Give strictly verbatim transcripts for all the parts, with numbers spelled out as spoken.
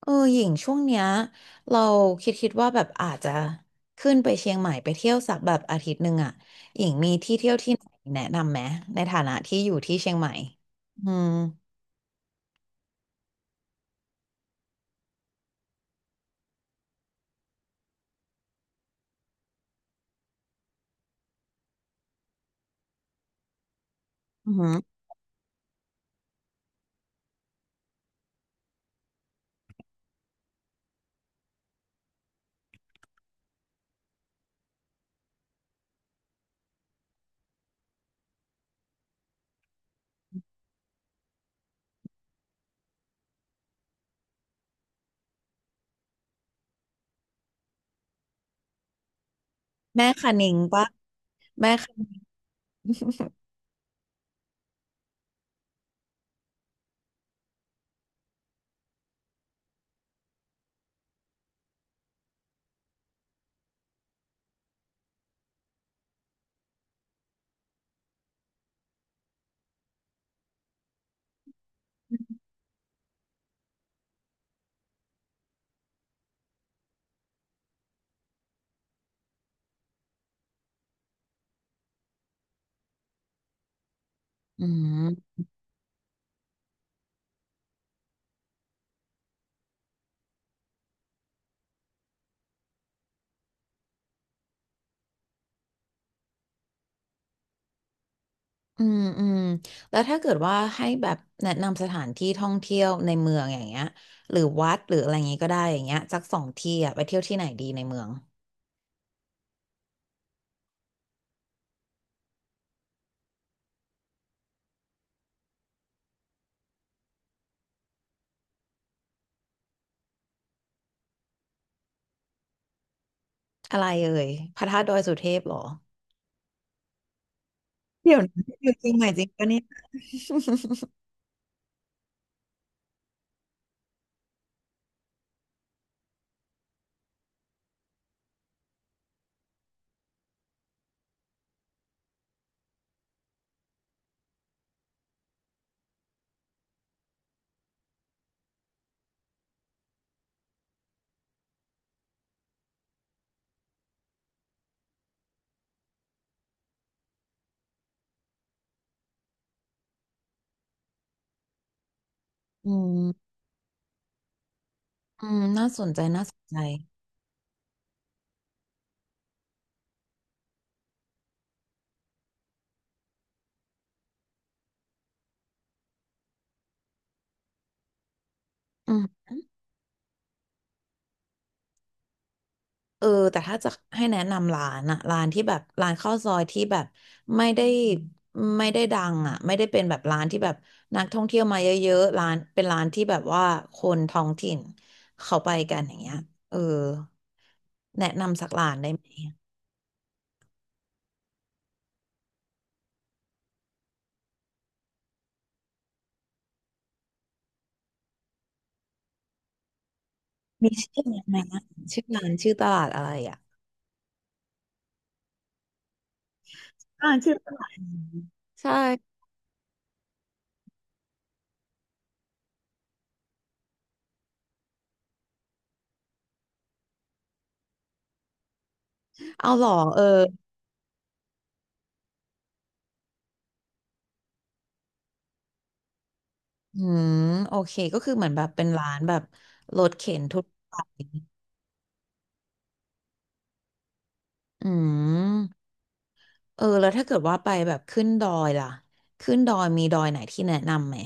เออหญิงช่วงเนี้ยเราคิดคิดว่าแบบอาจจะขึ้นไปเชียงใหม่ไปเที่ยวสักแบบอาทิตย์หนึ่งอ่ะหญิงมีที่เที่ยวที่ไหนแนะนำไหมในฐานะที่อยู่ที่เชียงใหม่อืมอือหือแม่คะนิงปะแม่คะอืมอืมอืมแล้วถ้าเกิดว่าให้แบบแนะนำสถานที่ท่องเที่ยวในเมืองอย่างเงี้ยหรือวัดหรืออะไรอย่างงี้ก็ได้อย่างเงี้ยสักสองที่อ่ะไปเที่ยวที่ไหนดีในเมืองอะไรเอ่ยพระธาตุดอยสุเทพเหรอเดี๋ยวนะอยู่เชียงใหม่จริงปะเนี่ยอืม อืมน่าสนใจน่าสนใจอืมเออแต่ถ้าจะให้แนะนำร้านอะร้านที่แบบร้านข้าวซอยที่แบบไม่ได้ไม่ได้ดังอะไม่ได้เป็นแบบร้านที่แบบนักท่องเที่ยวมาเยอะๆร้านเป็นร้านที่แบบว่าคนท้องถิ่นเขาไปกันอย่างเงี้ยเออแนะนำสักร้านได้ไหมมีชื่อร้านไหมนะชื่อร้านชื่อตลาดอะไรอะอ่าชื่อตลาดอืมใช่เอาเหรอเอออืมโอเคก็คือเหมือนแบบเป็นร้านแบบรถเข็นทั่วไป อืมเออแล้วถ้าเกิดว่าไปแบบขึ้นดอยล่ะขึ้นดอยมีดอยไหนที่แนะนำไหม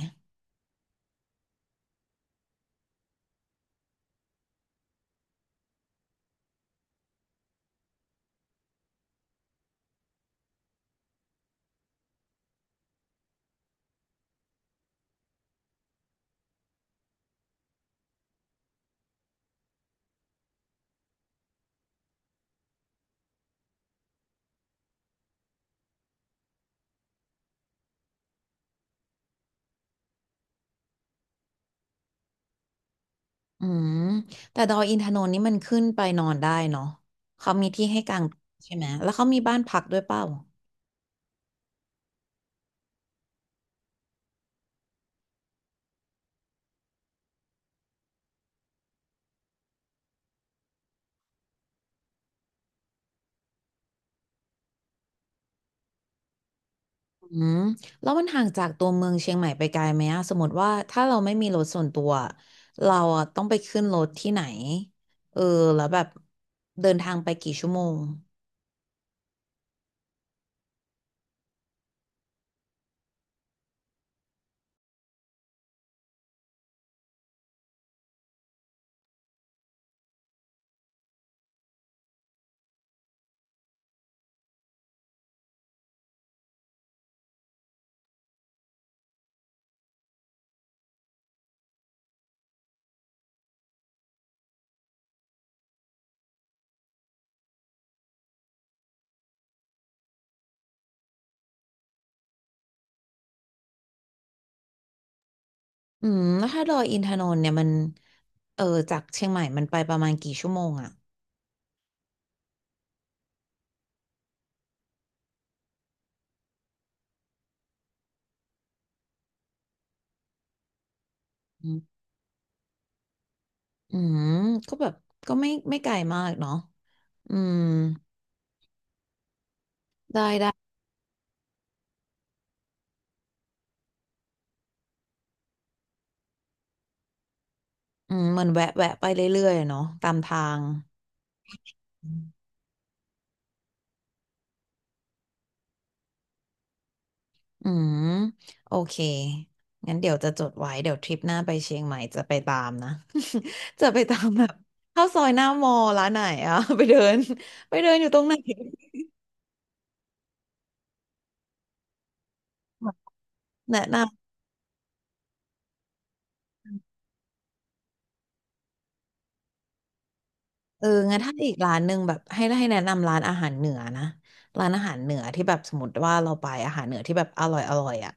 อืมแต่ดอยอินทนนท์นี่มันขึ้นไปนอนได้เนาะเขามีที่ให้กางใช่ไหมแล้วเขามีบ้านพักด้วยเปล่าอืมแล้วมันห่างจากตัวเมืองเชียงใหม่ไปไกลไหมอะสมมติว่าถ้าเราไม่มีรถส่วนตัวเราอะต้องไปขึ้นรถที่ไหนเออแล้วแบบเดินทางไปกี่ชั่วโมงอืมแล้วถ้าดอยอินทนนท์เนี่ยมันเออจากเชียงใหม่มันไปประมาณกี่ชั่วโมงอะ อืมก็แบบก็ไม่ไม่ไกลมากเนาะอืมได้ได้อืมเหมือนแวะแวะไปเรื่อยๆเนาะตามทางอืมโอเคงั้นเดี๋ยวจะจดไว้เดี๋ยวทริปหน้าไปเชียงใหม่จะไปตามนะ จะไปตามแบบเข้าซอยหน้ามอลร้านไหนอะ ไปเดินไปเดินอยู่ตรงไหน แนะนำเอองั้นถ้าอีกร้านหนึ่งแบบให้ให้แนะนำร้านอาหารเหนือนะร้านอาหารเหนือที่แบบสมมติว่าเราไปอาหารเหนือที่แบบอร่อยอร่อยอ่ะ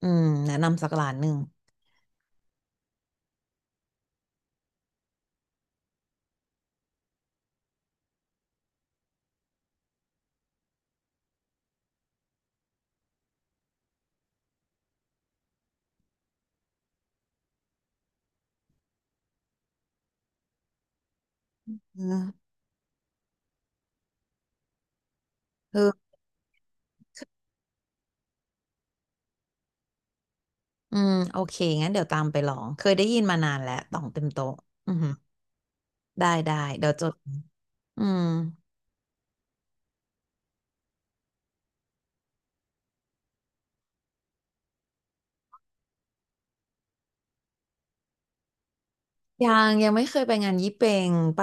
อืมแนะนำสักร้านหนึ่ง เออเอออืมโอเคงั้นเดี๋ยวตามไปลองเคยได้ยินมานานแล้วต่องเต็มโต๊ะอือหือได้ได้เดี๋ยวจดอืมยังยังไม่เคยไปงานยี่เป็งไป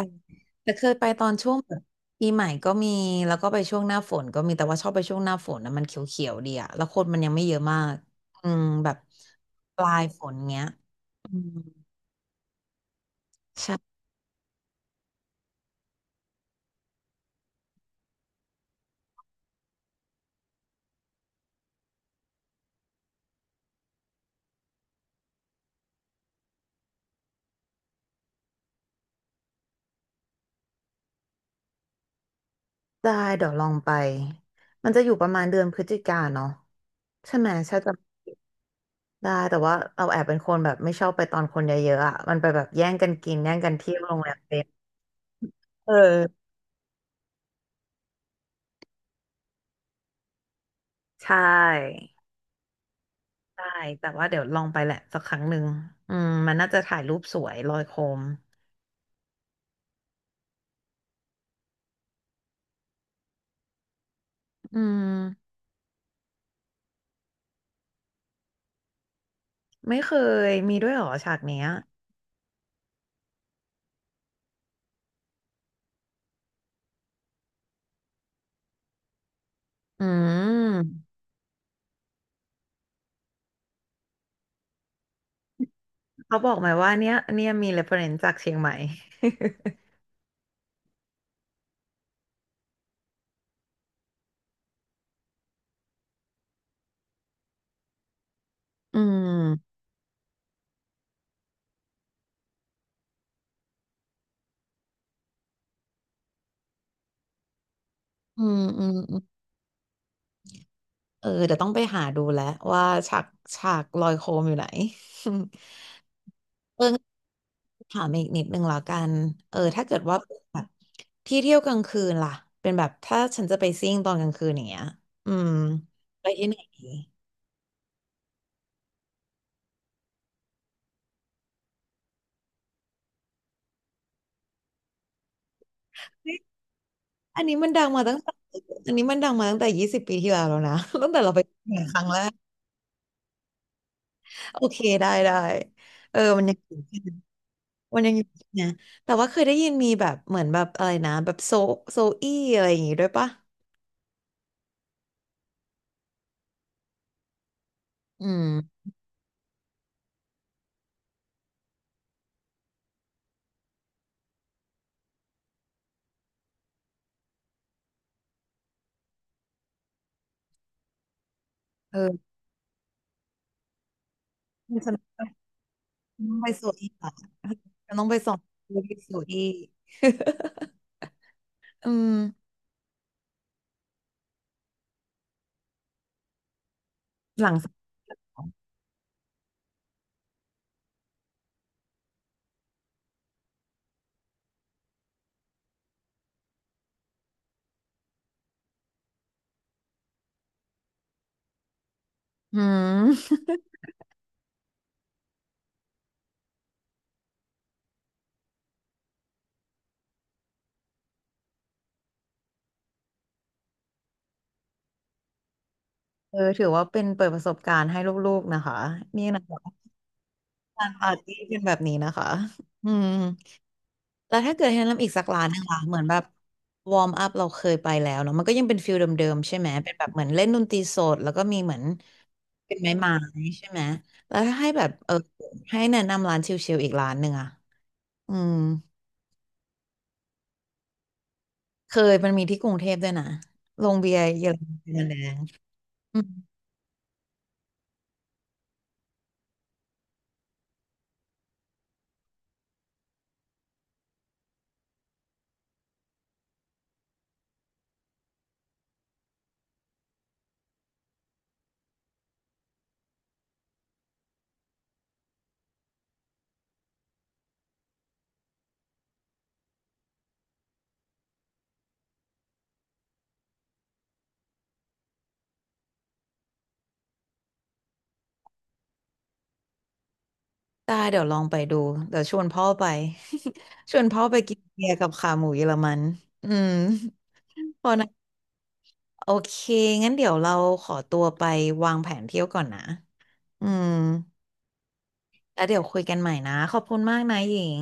แต่เคยไปตอนช่วงแบบปีใหม่ก็มีแล้วก็ไปช่วงหน้าฝนก็มีแต่ว่าชอบไปช่วงหน้าฝนนะมันเขียวๆดีอะแล้วคนมันยังไม่เยอะมากอืมแบบปลายฝนเงี้ยอืมใช่ได้เดี๋ยวลองไปมันจะอยู่ประมาณเดือนพฤศจิกาเนาะใช่ไหมใช่จะ ได้แต่ว่าเราแอบเป็นคนแบบไม่ชอบไปตอนคนเยอะๆอ่ะมันไปแบบแย่งกันกินแย่งกันเที่ยวโรงแรมเต็มเออใช่ได้แต่ว่าเดี๋ยวลองไปแหละสักครั้งหนึ่งอืมมันน่าจะถ่ายรูปสวยลอยโคมอืมไม่เคยมีด้วยเหรอฉากเนี้ยอืมเขาบอกไหมว่าเนี้ยเนี่ยมี reference จากเชียงใหม่ อืมอืมอืมอืมเออเดี๋ยวต้องไปหาดูแล้วว่าฉากฉากลอยโคมอยู่ไหน เออถามอีกนิดนึงแล้วกันเออถ้าเกิดว่าแบบที่เที่ยวกลางคืนล่ะเป็นแบบถ้าฉันจะไปซิ่งตอนกลางคืนอย่างเงี้ยอืมไปที่ไหนดีอันนี้มันดังมาตั้งแต่อันนี้มันดังมาตั้งแต่ยี่สิบปีที่แล้วแล้วนะ ตั้งแต่เราไปครั้งแรกโอเคได้ได้เออมันยังอยู่ที่นั้นมันยังอยู่ที่นะแต่ว่าเคยได้ยินมีแบบเหมือนแบบอะไรนะแบบโซโซอี้อะไรอย่างงี้ด้วยปะอืมเออมันสนุก น้องไปสู่ที่เหรอน้องไปส่งไปสู่ที่ อืมหลังสองอืมเออถือว่าเป็นเปิดประสบการณ์ให้ลูกๆนะคะนี่นะแบบการปาร์ตี้เป็นแบบนี้นะคะอืมแล้วถ้าเกิดให้แนะนำอีกสักร้านหนึงล่ะเหมือนแบบวอร์มอัพเราเคยไปแล้วเนาะมันก็ยังเป็นฟิลเดิมๆใช่ไหมเป็นแบบเหมือนเล่นดนตรีสดแล้วก็มีเหมือนเป็นไม้ไม้ใช่ไหมแล้วถ้าให้แบบเออให้แนะนำร้านชิลๆอีกร้านหนึ่งอะอืม เคยมันมีที่กรุงเทพด้วยนะโรงเบียร์เยอรมันแดงอืมได้เดี๋ยวลองไปดูเดี๋ยวชวนพ่อไป ชวนพ่อไปกินเบียร์กับขาหมูเยอรมัน อืมพอนะโอเค งั้นเดี๋ยวเราขอตัวไปวางแผนเที่ยวก่อนนะ อืม แล้วเดี๋ยวคุยกันใหม่นะ ขอบคุณมากนะหญิง